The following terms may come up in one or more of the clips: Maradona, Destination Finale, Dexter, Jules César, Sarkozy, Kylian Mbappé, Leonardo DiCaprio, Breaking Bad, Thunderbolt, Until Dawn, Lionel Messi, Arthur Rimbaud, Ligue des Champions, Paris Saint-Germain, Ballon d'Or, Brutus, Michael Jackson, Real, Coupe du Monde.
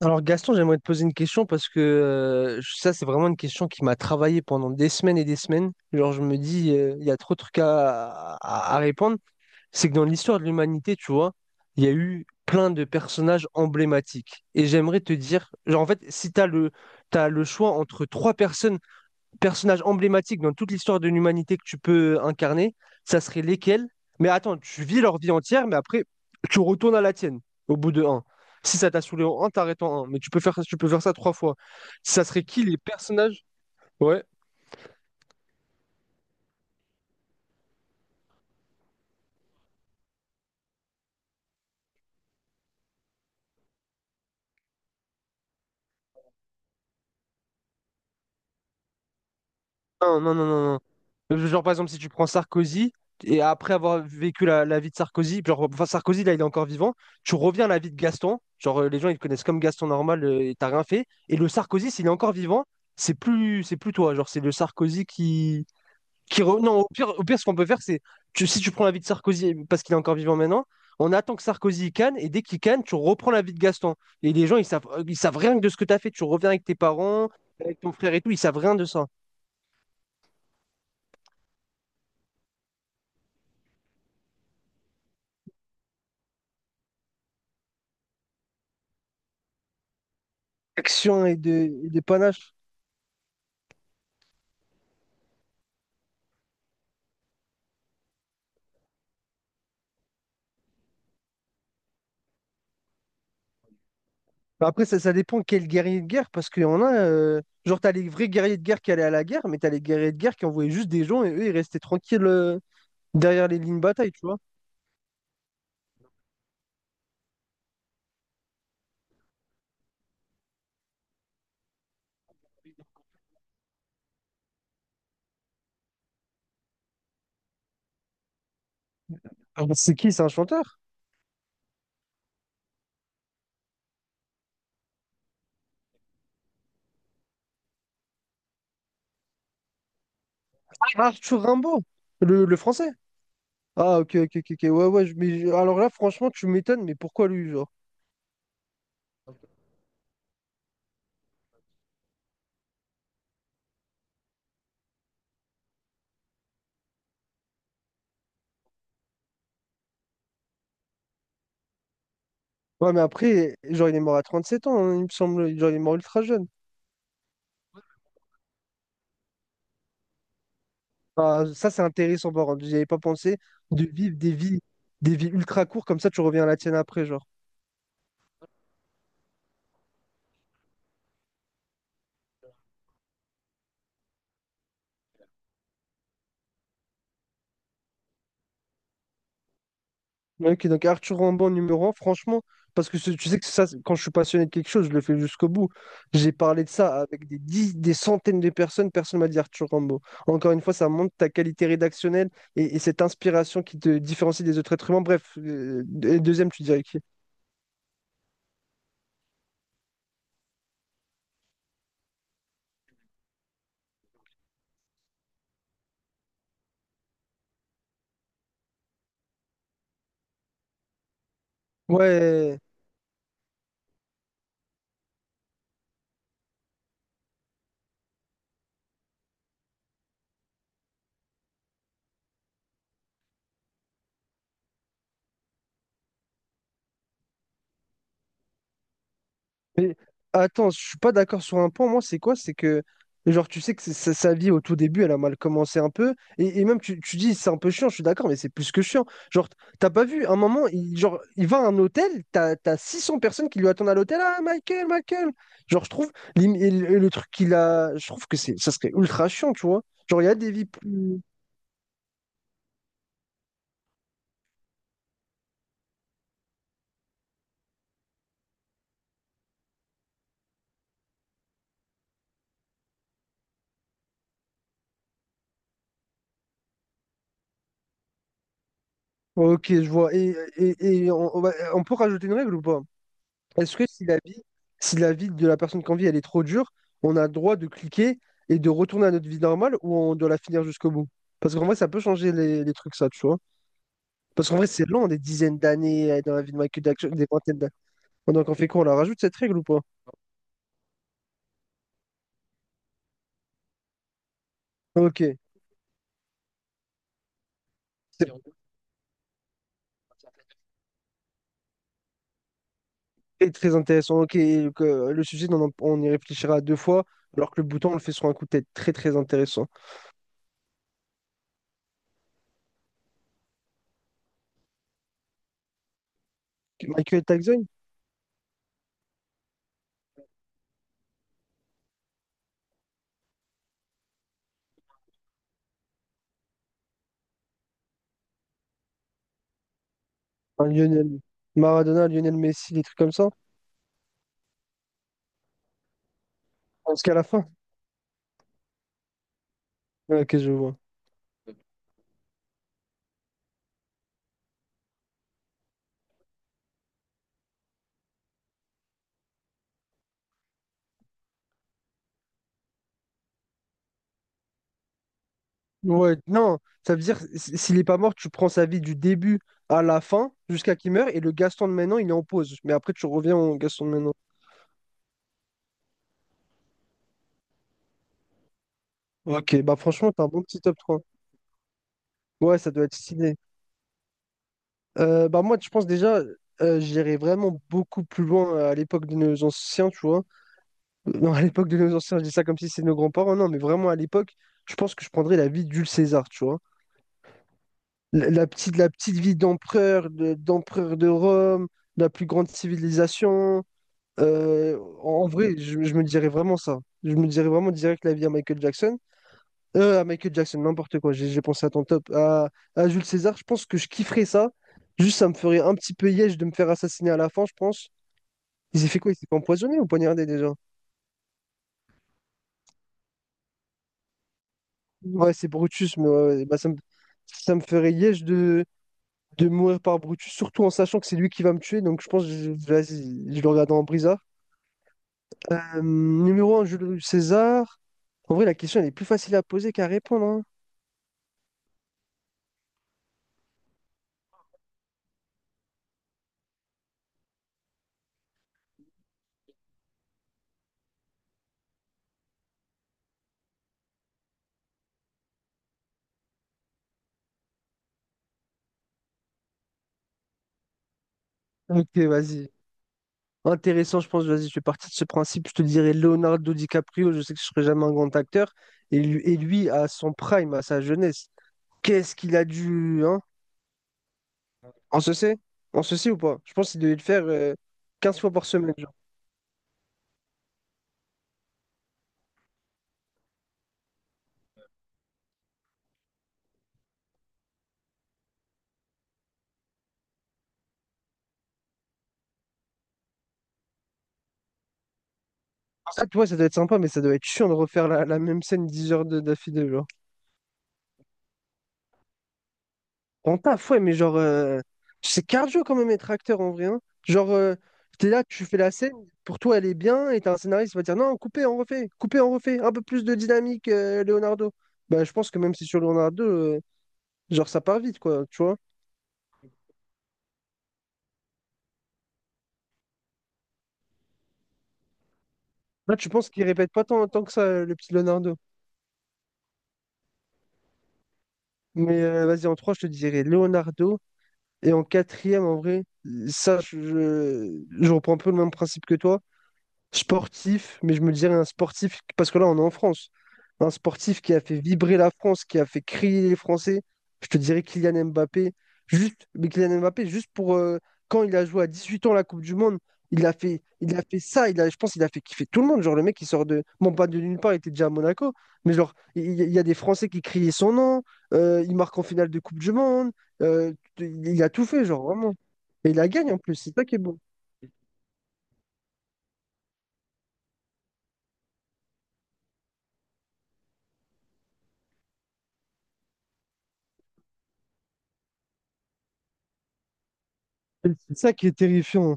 Alors Gaston, j'aimerais te poser une question parce que ça, c'est vraiment une question qui m'a travaillé pendant des semaines et des semaines. Genre, je me dis, il y a trop de trucs à répondre. C'est que dans l'histoire de l'humanité, tu vois, il y a eu plein de personnages emblématiques. Et j'aimerais te dire, genre, en fait, si tu as le, t'as le choix entre trois personnes personnages emblématiques dans toute l'histoire de l'humanité que tu peux incarner, ça serait lesquels? Mais attends, tu vis leur vie entière, mais après, tu retournes à la tienne au bout de un. Si ça t'a saoulé en un, t'arrêtes en un. Mais tu peux faire, ça, tu peux faire ça trois fois. Ça serait qui les personnages? Ouais. Non, non, non, non. Genre, par exemple, si tu prends Sarkozy, et après avoir vécu la vie de Sarkozy, genre, enfin, Sarkozy, là, il est encore vivant, tu reviens à la vie de Gaston, genre, les gens, ils te connaissent comme Gaston normal, et t'as rien fait. Et le Sarkozy, s'il est encore vivant, c'est plus toi, genre, c'est le Sarkozy qui. Non, au pire, ce qu'on peut faire, c'est, si tu prends la vie de Sarkozy, parce qu'il est encore vivant maintenant, on attend que Sarkozy il canne, et dès qu'il canne, tu reprends la vie de Gaston. Et les gens, ils savent rien de ce que t'as fait, tu reviens avec tes parents, avec ton frère et tout, ils savent rien de ça. Action et de panache. Bah après, ça dépend quel guerrier de guerre, parce qu'il y en a, genre, t'as les vrais guerriers de guerre qui allaient à la guerre, mais t'as les guerriers de guerre qui envoyaient juste des gens et eux, ils restaient tranquilles derrière les lignes de bataille, tu vois. Ah, c'est qui? C'est un chanteur? Arthur Rimbaud, le français. Ah, ok, ok, ok, ok. Ouais, ouais, alors là, franchement, tu m'étonnes, mais pourquoi lui, genre? Ouais, mais après, genre, il est mort à 37 ans, hein, il me semble, genre, il est mort ultra jeune. Ah, ça, c'est intéressant, par contre, j'y avais pas pensé de vivre des vies ultra courtes, comme ça, tu reviens à la tienne après, genre. Ok, donc Arthur Rimbaud numéro un franchement, parce que tu sais que ça, quand je suis passionné de quelque chose, je le fais jusqu'au bout. J'ai parlé de ça avec des centaines de personnes, personne m'a dit Arthur Rimbaud. Encore une fois, ça montre ta qualité rédactionnelle et cette inspiration qui te différencie des autres êtres humains. Bref, et deuxième, tu dirais qui? Ouais, mais attends, je suis pas d'accord sur un point, moi, c'est quoi? C'est que, genre, tu sais que sa vie au tout début, elle a mal commencé un peu. Et même, tu dis, c'est un peu chiant, je suis d'accord, mais c'est plus que chiant. Genre, t'as pas vu, un moment, il, genre, il va à un hôtel, t'as 600 personnes qui lui attendent à l'hôtel. Ah, Michael, Michael! Genre, je trouve, le truc qu'il a, je trouve que c'est, ça serait ultra chiant, tu vois. Genre, il y a des vies plus. Ok, je vois. Et on va- on peut rajouter une règle ou pas? Est-ce que si la vie, si la vie de la personne qu'on vit, elle est trop dure, on a le droit de cliquer et de retourner à notre vie normale ou on doit la finir jusqu'au bout? Parce qu'en vrai, ça peut changer les trucs, ça, tu vois. Parce qu'en vrai, c'est long, des dizaines d'années dans la vie de Michael Jackson, des vingtaines d'années. Donc, on fait quoi? On la rajoute, cette règle ou pas? Ok, c'est très, très intéressant. Ok, donc, le sujet, on y réfléchira deux fois, alors que le bouton, on le fait sur un coup de tête. Très, très intéressant. Michael Jackson, un Lionel, Maradona, Lionel Messi, des trucs comme ça. Jusqu'à la fin. Ok, je vois. Ouais, non, ça veut dire s'il est pas mort, tu prends sa vie du début à la fin jusqu'à qu'il meurt et le Gaston de maintenant il est en pause. Mais après tu reviens au Gaston de maintenant. Ok, bah franchement, t'as un bon petit top trois. Ouais, ça doit être stylé. Bah moi, je pense déjà, j'irais vraiment beaucoup plus loin à l'époque de nos anciens, tu vois. Non, à l'époque de nos anciens, je dis ça comme si c'était nos grands-parents, non, mais vraiment à l'époque, je pense que je prendrais la vie d'Jules César, tu vois. La petite vie d'empereur, d'empereur de Rome, la plus grande civilisation. En vrai, je me dirais vraiment ça. Je me dirais vraiment direct la vie à Michael Jackson. À Michael Jackson, n'importe quoi. J'ai pensé à ton top. À Jules César, je pense que je kifferais ça. Juste, ça me ferait un petit peu yèche de me faire assassiner à la fin, je pense. Il s'est fait quoi? Il s'est fait empoisonner ou poignarder déjà? Ouais, c'est Brutus, mais ouais, ouais, ça me ferait yèche de mourir par Brutus, surtout en sachant que c'est lui qui va me tuer. Donc, je pense que je, vas-y, je le regarde en brisard. Numéro un, Jules César. En vrai, la question, elle est plus facile à poser qu'à répondre, hein. Ok, vas-y. Intéressant, je pense. Vas-y, je fais partie de ce principe. Je te dirais Leonardo DiCaprio. Je sais que je serai jamais un grand acteur. Et lui, à son prime, à sa jeunesse, qu'est-ce qu'il a dû. Hein? On se sait? On se sait ou pas? Je pense qu'il devait le faire 15 fois par semaine. Genre. En fait, ouais, ça doit être sympa, mais ça doit être chiant de refaire la même scène 10 heures d'affilée, genre. Ton taf, ouais, mais genre, c'est cardio quand même être acteur en vrai, hein. Genre, t'es là, tu fais la scène, pour toi elle est bien, et t'as un scénariste qui va dire non, coupez, on refait, un peu plus de dynamique, Leonardo. Bah, je pense que même si sur Leonardo, genre, ça part vite, quoi, tu vois. Là, tu penses qu'il répète pas tant que ça, le petit Leonardo. Mais vas-y, en trois, je te dirais Leonardo, et en quatrième, en vrai, ça, je reprends un peu le même principe que toi. Sportif, mais je me dirais un sportif, parce que là, on est en France. Un sportif qui a fait vibrer la France, qui a fait crier les Français. Je te dirais Kylian Mbappé. Juste, mais Kylian Mbappé, juste pour quand il a joué à 18 ans la Coupe du Monde, il a fait ça. Il a, je pense qu'il a fait kiffer tout le monde. Genre, le mec, il sort de. Bon, pas de nulle part, il était déjà à Monaco. Mais genre, il y a des Français qui criaient son nom. Il marque en finale de Coupe du Monde. euh, il a tout fait, genre, vraiment. Et il la gagne en plus. C'est ça qui est bon. C'est ça qui est terrifiant.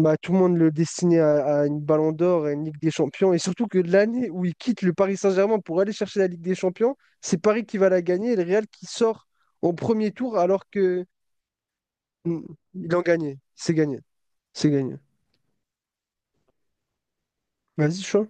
Bah, tout le monde le destinait à une Ballon d'Or et une Ligue des Champions. Et surtout que l'année où il quitte le Paris Saint-Germain pour aller chercher la Ligue des Champions, c'est Paris qui va la gagner et le Real qui sort au premier tour alors que mm, il en gagnait. C'est gagné. C'est gagné. Vas-y, chaud.